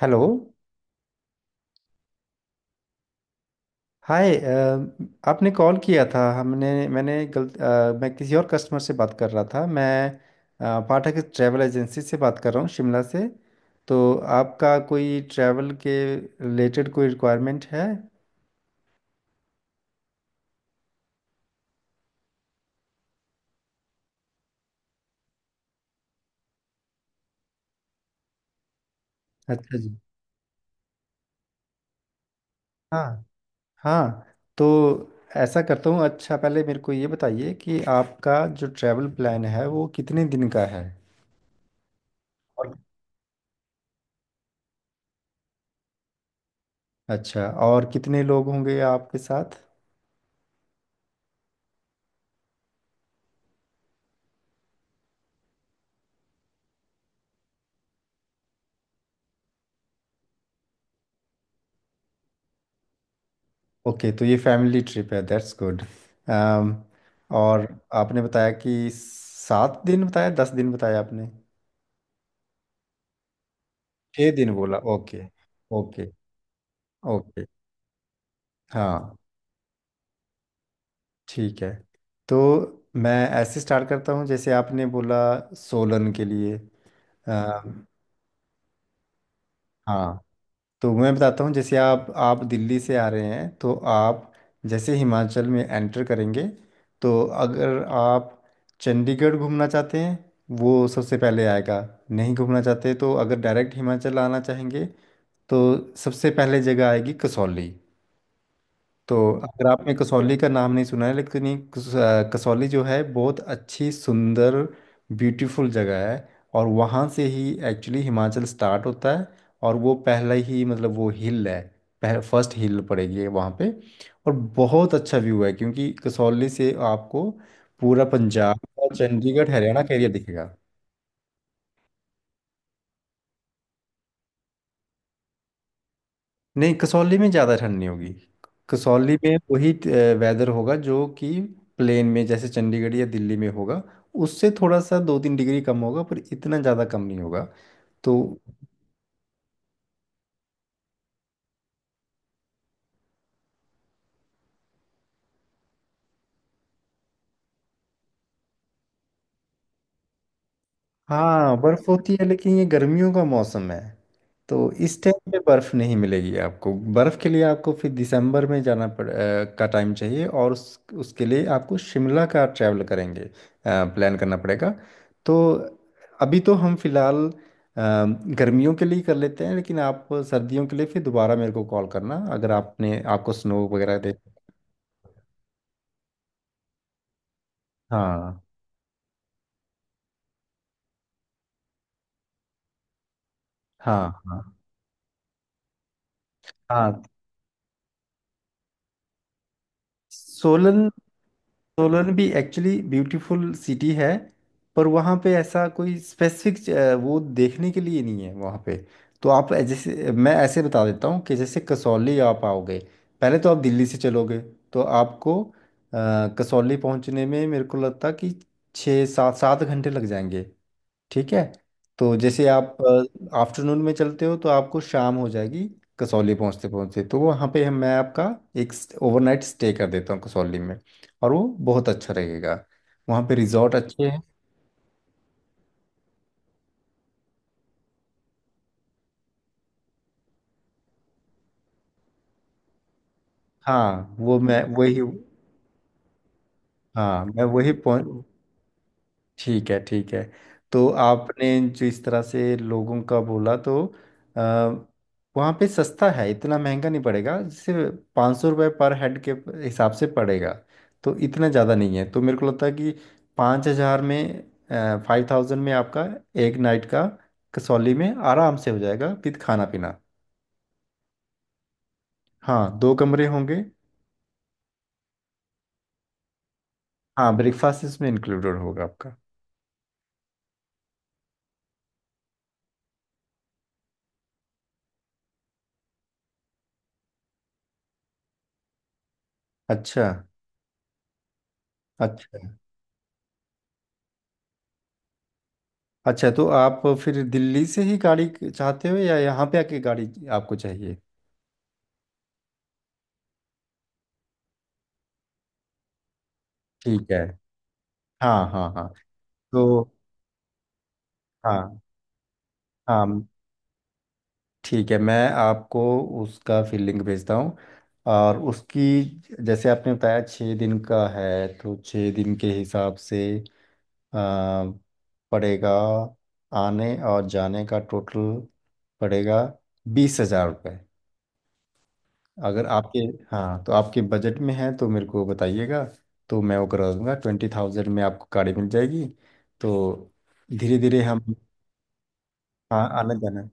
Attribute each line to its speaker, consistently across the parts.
Speaker 1: Hello. हाय आपने call किया था। हमने मैंने गलत मैं किसी और कस्टमर से बात कर रहा था। मैं पाठक ट्रैवल एजेंसी से बात कर रहा हूँ, शिमला से। तो आपका कोई ट्रैवल के रिलेटेड कोई रिक्वायरमेंट है? अच्छा जी। हाँ। हाँ। तो ऐसा करता हूँ, अच्छा पहले मेरे को ये बताइए कि आपका जो ट्रैवल प्लान है वो कितने दिन का है? और- अच्छा और कितने लोग होंगे आपके साथ? ओके, तो ये फैमिली ट्रिप है, दैट्स गुड। और आपने बताया कि 7 दिन बताया, 10 दिन बताया आपने? 6 दिन बोला, ओके। ओके। ओके। हाँ। ठीक है, तो मैं ऐसे स्टार्ट करता हूँ जैसे आपने बोला, सोलन के लिए। अ, हाँ, तो मैं बताता हूँ जैसे आप दिल्ली से आ रहे हैं, तो आप जैसे हिमाचल में एंटर करेंगे, तो अगर आप चंडीगढ़ घूमना चाहते हैं, वो सबसे पहले आएगा। नहीं घूमना चाहते तो अगर डायरेक्ट हिमाचल आना चाहेंगे, तो सबसे पहले जगह आएगी कसौली। तो अगर आपने कसौली का नाम नहीं सुना है, लेकिन ये कसौली जो है बहुत अच्छी सुंदर ब्यूटीफुल जगह है। और वहाँ से ही एक्चुअली हिमाचल स्टार्ट होता है। और वो पहला ही मतलब वो हिल है, फर्स्ट हिल पड़ेगी वहाँ पे। और बहुत अच्छा व्यू है क्योंकि कसौली से आपको पूरा पंजाब और चंडीगढ़ हरियाणा का एरिया दिखेगा। नहीं, कसौली में ज़्यादा ठंड नहीं होगी। कसौली में वही वेदर होगा जो कि प्लेन में जैसे चंडीगढ़ या दिल्ली में होगा, उससे थोड़ा सा 2-3 डिग्री कम होगा, पर इतना ज़्यादा कम नहीं होगा। तो हाँ, बर्फ होती है लेकिन ये गर्मियों का मौसम है, तो इस टाइम पे बर्फ नहीं मिलेगी आपको। बर्फ के लिए आपको फिर दिसंबर में का टाइम चाहिए, और उसके लिए आपको शिमला का ट्रैवल करेंगे प्लान करना पड़ेगा। तो अभी तो हम फिलहाल गर्मियों के लिए कर लेते हैं, लेकिन आप सर्दियों के लिए फिर दोबारा मेरे को कॉल करना, अगर आपने आपको स्नो वगैरह देख। हाँ। हाँ। हाँ। हाँ। सोलन। सोलन भी एक्चुअली ब्यूटीफुल सिटी है, पर वहाँ पे ऐसा कोई स्पेसिफिक वो देखने के लिए नहीं है वहाँ पे। तो आप जैसे, मैं ऐसे बता देता हूँ कि जैसे कसौली आप आओगे, पहले तो आप दिल्ली से चलोगे, तो आपको कसौली पहुँचने में मेरे को लगता कि छः सात सात घंटे लग जाएंगे। ठीक है। तो जैसे आप आफ्टरनून में चलते हो तो आपको शाम हो जाएगी कसौली पहुंचते पहुंचते, तो वहाँ पे हम मैं आपका एक ओवरनाइट स्टे कर देता हूँ कसौली में, और वो बहुत अच्छा रहेगा, वहाँ पे रिजॉर्ट अच्छे हैं। हाँ, वो मैं वही। हाँ, मैं वही पहुँच। ठीक है, ठीक है। तो आपने जो इस तरह से लोगों का बोला, तो आ, वहाँ पे सस्ता है, इतना महंगा नहीं पड़ेगा, जैसे 500 रुपये पर हेड के हिसाब से पड़ेगा। तो इतना ज़्यादा नहीं है, तो मेरे को लगता है कि 5,000 में, 5,000 में आपका एक नाइट का कसौली में आराम से हो जाएगा विद खाना पीना। हाँ, दो कमरे होंगे। हाँ, ब्रेकफास्ट इसमें इंक्लूडेड होगा आपका। अच्छा। अच्छा। अच्छा, तो आप फिर दिल्ली से ही गाड़ी चाहते हो या यहाँ पे आके गाड़ी आपको चाहिए? ठीक है। हाँ। हाँ। हाँ। तो हाँ। हाँ। ठीक है, मैं आपको उसका फिर लिंक भेजता हूँ, और उसकी जैसे आपने बताया 6 दिन का है तो 6 दिन के हिसाब से आ, पड़ेगा। आने और जाने का टोटल पड़ेगा 20,000 रुपये। अगर आपके, हाँ, तो आपके बजट में है तो मेरे को बताइएगा, तो मैं वो करवा दूंगा। 20,000 में आपको गाड़ी मिल जाएगी। तो धीरे धीरे हम। हाँ, आना जाना,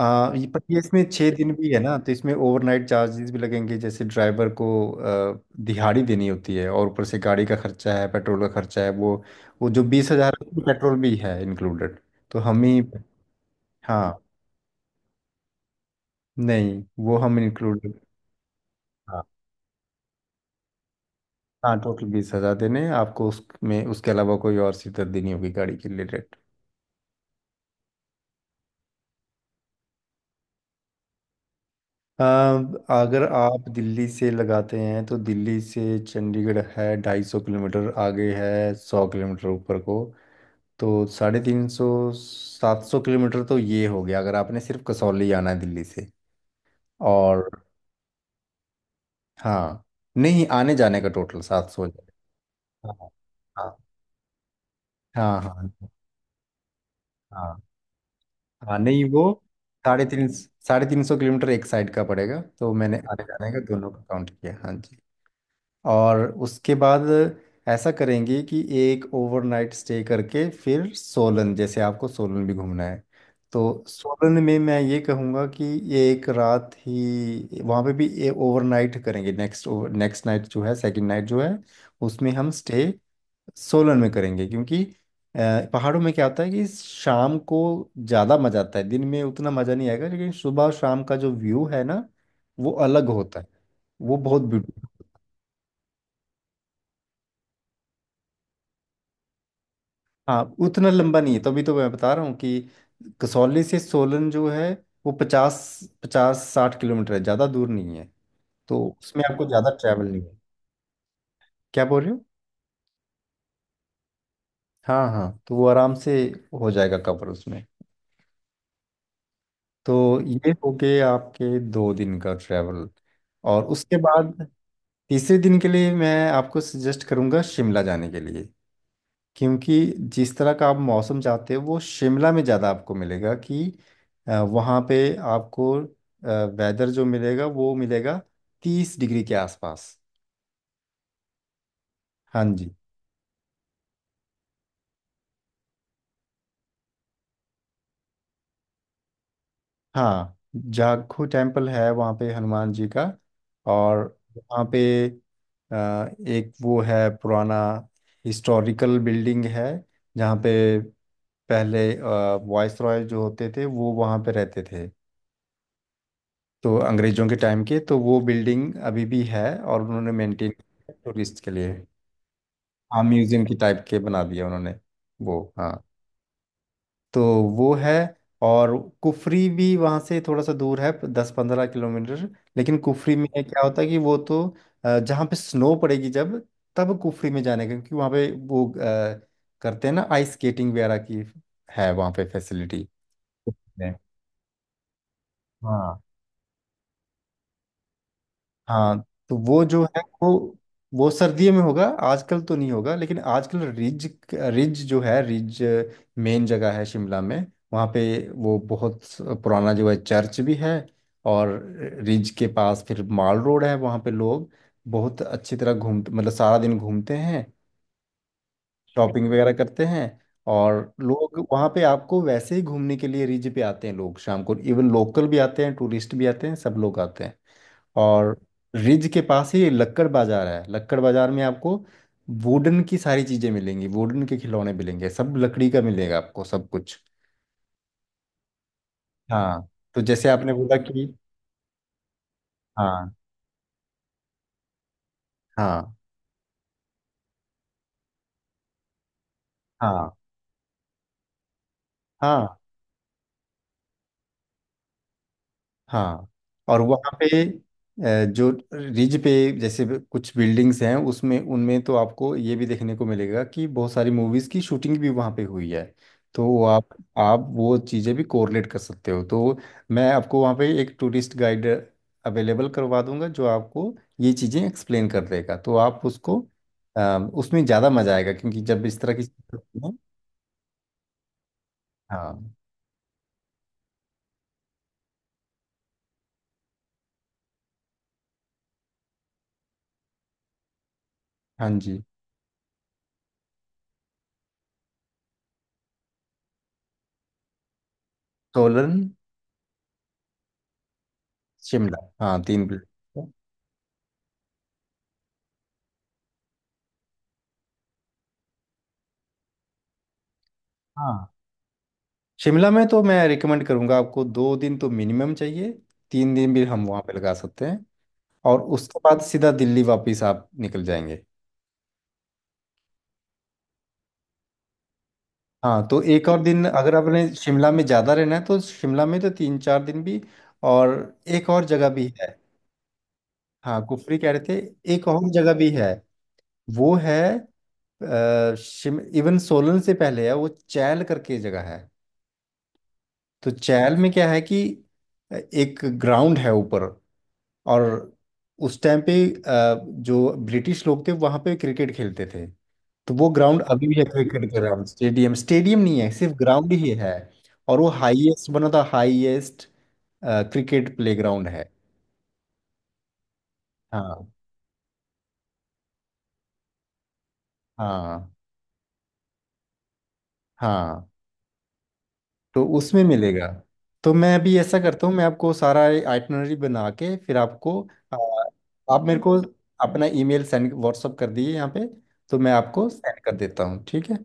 Speaker 1: ये पर ये इसमें 6 दिन भी है ना, तो इसमें ओवरनाइट चार्जेस भी लगेंगे, जैसे ड्राइवर को आ, दिहाड़ी देनी होती है, और ऊपर से गाड़ी का खर्चा है, पेट्रोल का खर्चा है, वो जो 20,000, पेट्रोल भी है इंक्लूडेड। तो हम ही। हाँ, नहीं वो हम इंक्लूडेड। हाँ, टोटल 20,000 देने हैं आपको, उसमें उसके अलावा कोई और सीधत देनी होगी गाड़ी के रिलेटेड। अब अगर आप दिल्ली से लगाते हैं, तो दिल्ली से चंडीगढ़ है 250 किलोमीटर, आगे है 100 किलोमीटर ऊपर को, तो 350, 700 किलोमीटर, तो ये हो गया अगर आपने सिर्फ कसौली आना है दिल्ली से और। हाँ। नहीं, आने जाने का टोटल 700। हाँ। हाँ। हाँ। हाँ। हाँ, नहीं वो साढ़े तीन सौ किलोमीटर एक साइड का पड़ेगा, तो मैंने आने जाने का दोनों का काउंट किया, हाँ जी। और उसके बाद ऐसा करेंगे कि एक ओवरनाइट स्टे करके फिर सोलन, जैसे आपको सोलन भी घूमना है, तो सोलन में मैं ये कहूँगा कि ये एक रात ही वहाँ पे भी ये ओवरनाइट करेंगे। नेक्स्ट नेक्स्ट नाइट जो है, सेकंड नाइट जो है, उसमें हम स्टे सोलन में करेंगे, क्योंकि पहाड़ों में क्या होता है कि शाम को ज़्यादा मज़ा आता है, दिन में उतना मज़ा नहीं आएगा, लेकिन सुबह और शाम का जो व्यू है ना वो अलग होता है। वो बहुत ब्यूटीफुल। हाँ, उतना लंबा नहीं है, तभी तो मैं बता रहा हूँ कि कसौली से सोलन जो है वो पचास 50-60 किलोमीटर है, ज़्यादा दूर नहीं है, तो उसमें आपको ज़्यादा ट्रैवल नहीं है। क्या बोल रहे हो? हाँ हाँ, तो वो आराम से हो जाएगा कवर उसमें। तो ये हो गए आपके 2 दिन का ट्रैवल। और उसके बाद तीसरे दिन के लिए मैं आपको सजेस्ट करूंगा शिमला जाने के लिए, क्योंकि जिस तरह का आप मौसम चाहते हो वो शिमला में ज़्यादा आपको मिलेगा कि वहाँ पे आपको वेदर जो मिलेगा वो मिलेगा 30 डिग्री के आसपास। हाँ जी। हाँ, जाखू टेम्पल है वहाँ पे हनुमान जी का। और वहाँ पे एक वो है पुराना हिस्टोरिकल बिल्डिंग है, जहाँ पे पहले वॉइस रॉय जो होते थे वो वहाँ पे रहते थे, तो अंग्रेजों के टाइम के, तो वो बिल्डिंग अभी भी है और उन्होंने मेंटेन टूरिस्ट के लिए। हाँ, म्यूजियम की टाइप के बना दिया उन्होंने वो, हाँ। तो वो है, और कुफरी भी वहाँ से थोड़ा सा दूर है, 10-15 किलोमीटर, लेकिन कुफरी में क्या होता है कि वो तो जहाँ पे स्नो पड़ेगी, जब तब कुफरी में जाने का, क्योंकि वहाँ पे वो करते हैं ना आइस स्केटिंग वगैरह की, है वहाँ पे फैसिलिटी। हाँ। हाँ, तो वो जो है वो सर्दियों में होगा, आजकल तो नहीं होगा, लेकिन आजकल रिज रिज जो है रिज मेन जगह है शिमला में। वहाँ पे वो बहुत पुराना जो है चर्च भी है, और रिज के पास फिर माल रोड है, वहाँ पे लोग बहुत अच्छी तरह घूम मतलब सारा दिन घूमते हैं, शॉपिंग वगैरह करते हैं। और लोग वहाँ पे आपको वैसे ही घूमने के लिए रिज पे आते हैं, लोग शाम को, इवन लोकल भी आते हैं, टूरिस्ट भी आते हैं, सब लोग आते हैं। और रिज के पास ही लक्कड़ बाजार है, लक्कड़ बाजार में आपको वुडन की सारी चीज़ें मिलेंगी, वुडन के खिलौने मिलेंगे, सब लकड़ी का मिलेगा आपको सब कुछ। हाँ, तो जैसे आपने बोला कि। हाँ। हाँ। हाँ। हाँ। हाँ, और वहाँ पे जो रिज पे जैसे भी कुछ बिल्डिंग्स हैं उसमें उनमें, तो आपको ये भी देखने को मिलेगा कि बहुत सारी मूवीज़ की शूटिंग भी वहाँ पे हुई है, तो वो आप वो चीज़ें भी कोरिलेट कर सकते हो। तो मैं आपको वहाँ पे एक टूरिस्ट गाइड अवेलेबल करवा दूंगा जो आपको ये चीज़ें एक्सप्लेन कर देगा, तो आप उसको अ, उसमें ज़्यादा मज़ा आएगा क्योंकि जब इस तरह की चीज़ें होती हैं, हाँ। हाँ जी। सोलन। शिमला, हाँ, 3 प्लेस। हाँ, शिमला में तो मैं रिकमेंड करूंगा आपको, 2 दिन तो मिनिमम चाहिए, 3 दिन भी हम वहाँ पे लगा सकते हैं, और उसके बाद सीधा दिल्ली वापस आप निकल जाएंगे। हाँ, तो एक और दिन अगर आपने शिमला में ज़्यादा रहना है, तो शिमला में तो 3-4 दिन भी। और एक और जगह भी है। हाँ, कुफरी कह रहे थे। एक और जगह भी है, वो है, अ, शिम इवन सोलन से पहले है, वो चैल करके जगह है। तो चैल में क्या है कि एक ग्राउंड है ऊपर, और उस टाइम पे जो ब्रिटिश लोग थे वहां पे क्रिकेट खेलते थे, तो वो ग्राउंड अभी भी है, क्रिकेट ग्राउंड, स्टेडियम स्टेडियम नहीं है सिर्फ ग्राउंड ही है। और वो हाईएस्ट बना था, हाईएस्ट क्रिकेट प्लेग्राउंड है। हाँ। हाँ। हाँ, तो उसमें मिलेगा। तो मैं अभी ऐसा करता हूँ, मैं आपको सारा आइटनरी बना के फिर आपको अ, आप मेरे को अपना ईमेल सेंड व्हाट्सअप कर दिए यहाँ पे, तो मैं आपको सेंड कर देता हूँ, ठीक है?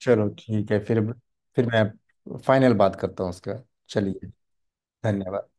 Speaker 1: चलो, ठीक है फिर। फिर मैं फाइनल बात करता हूँ उसके बाद, चलिए। धन्यवाद।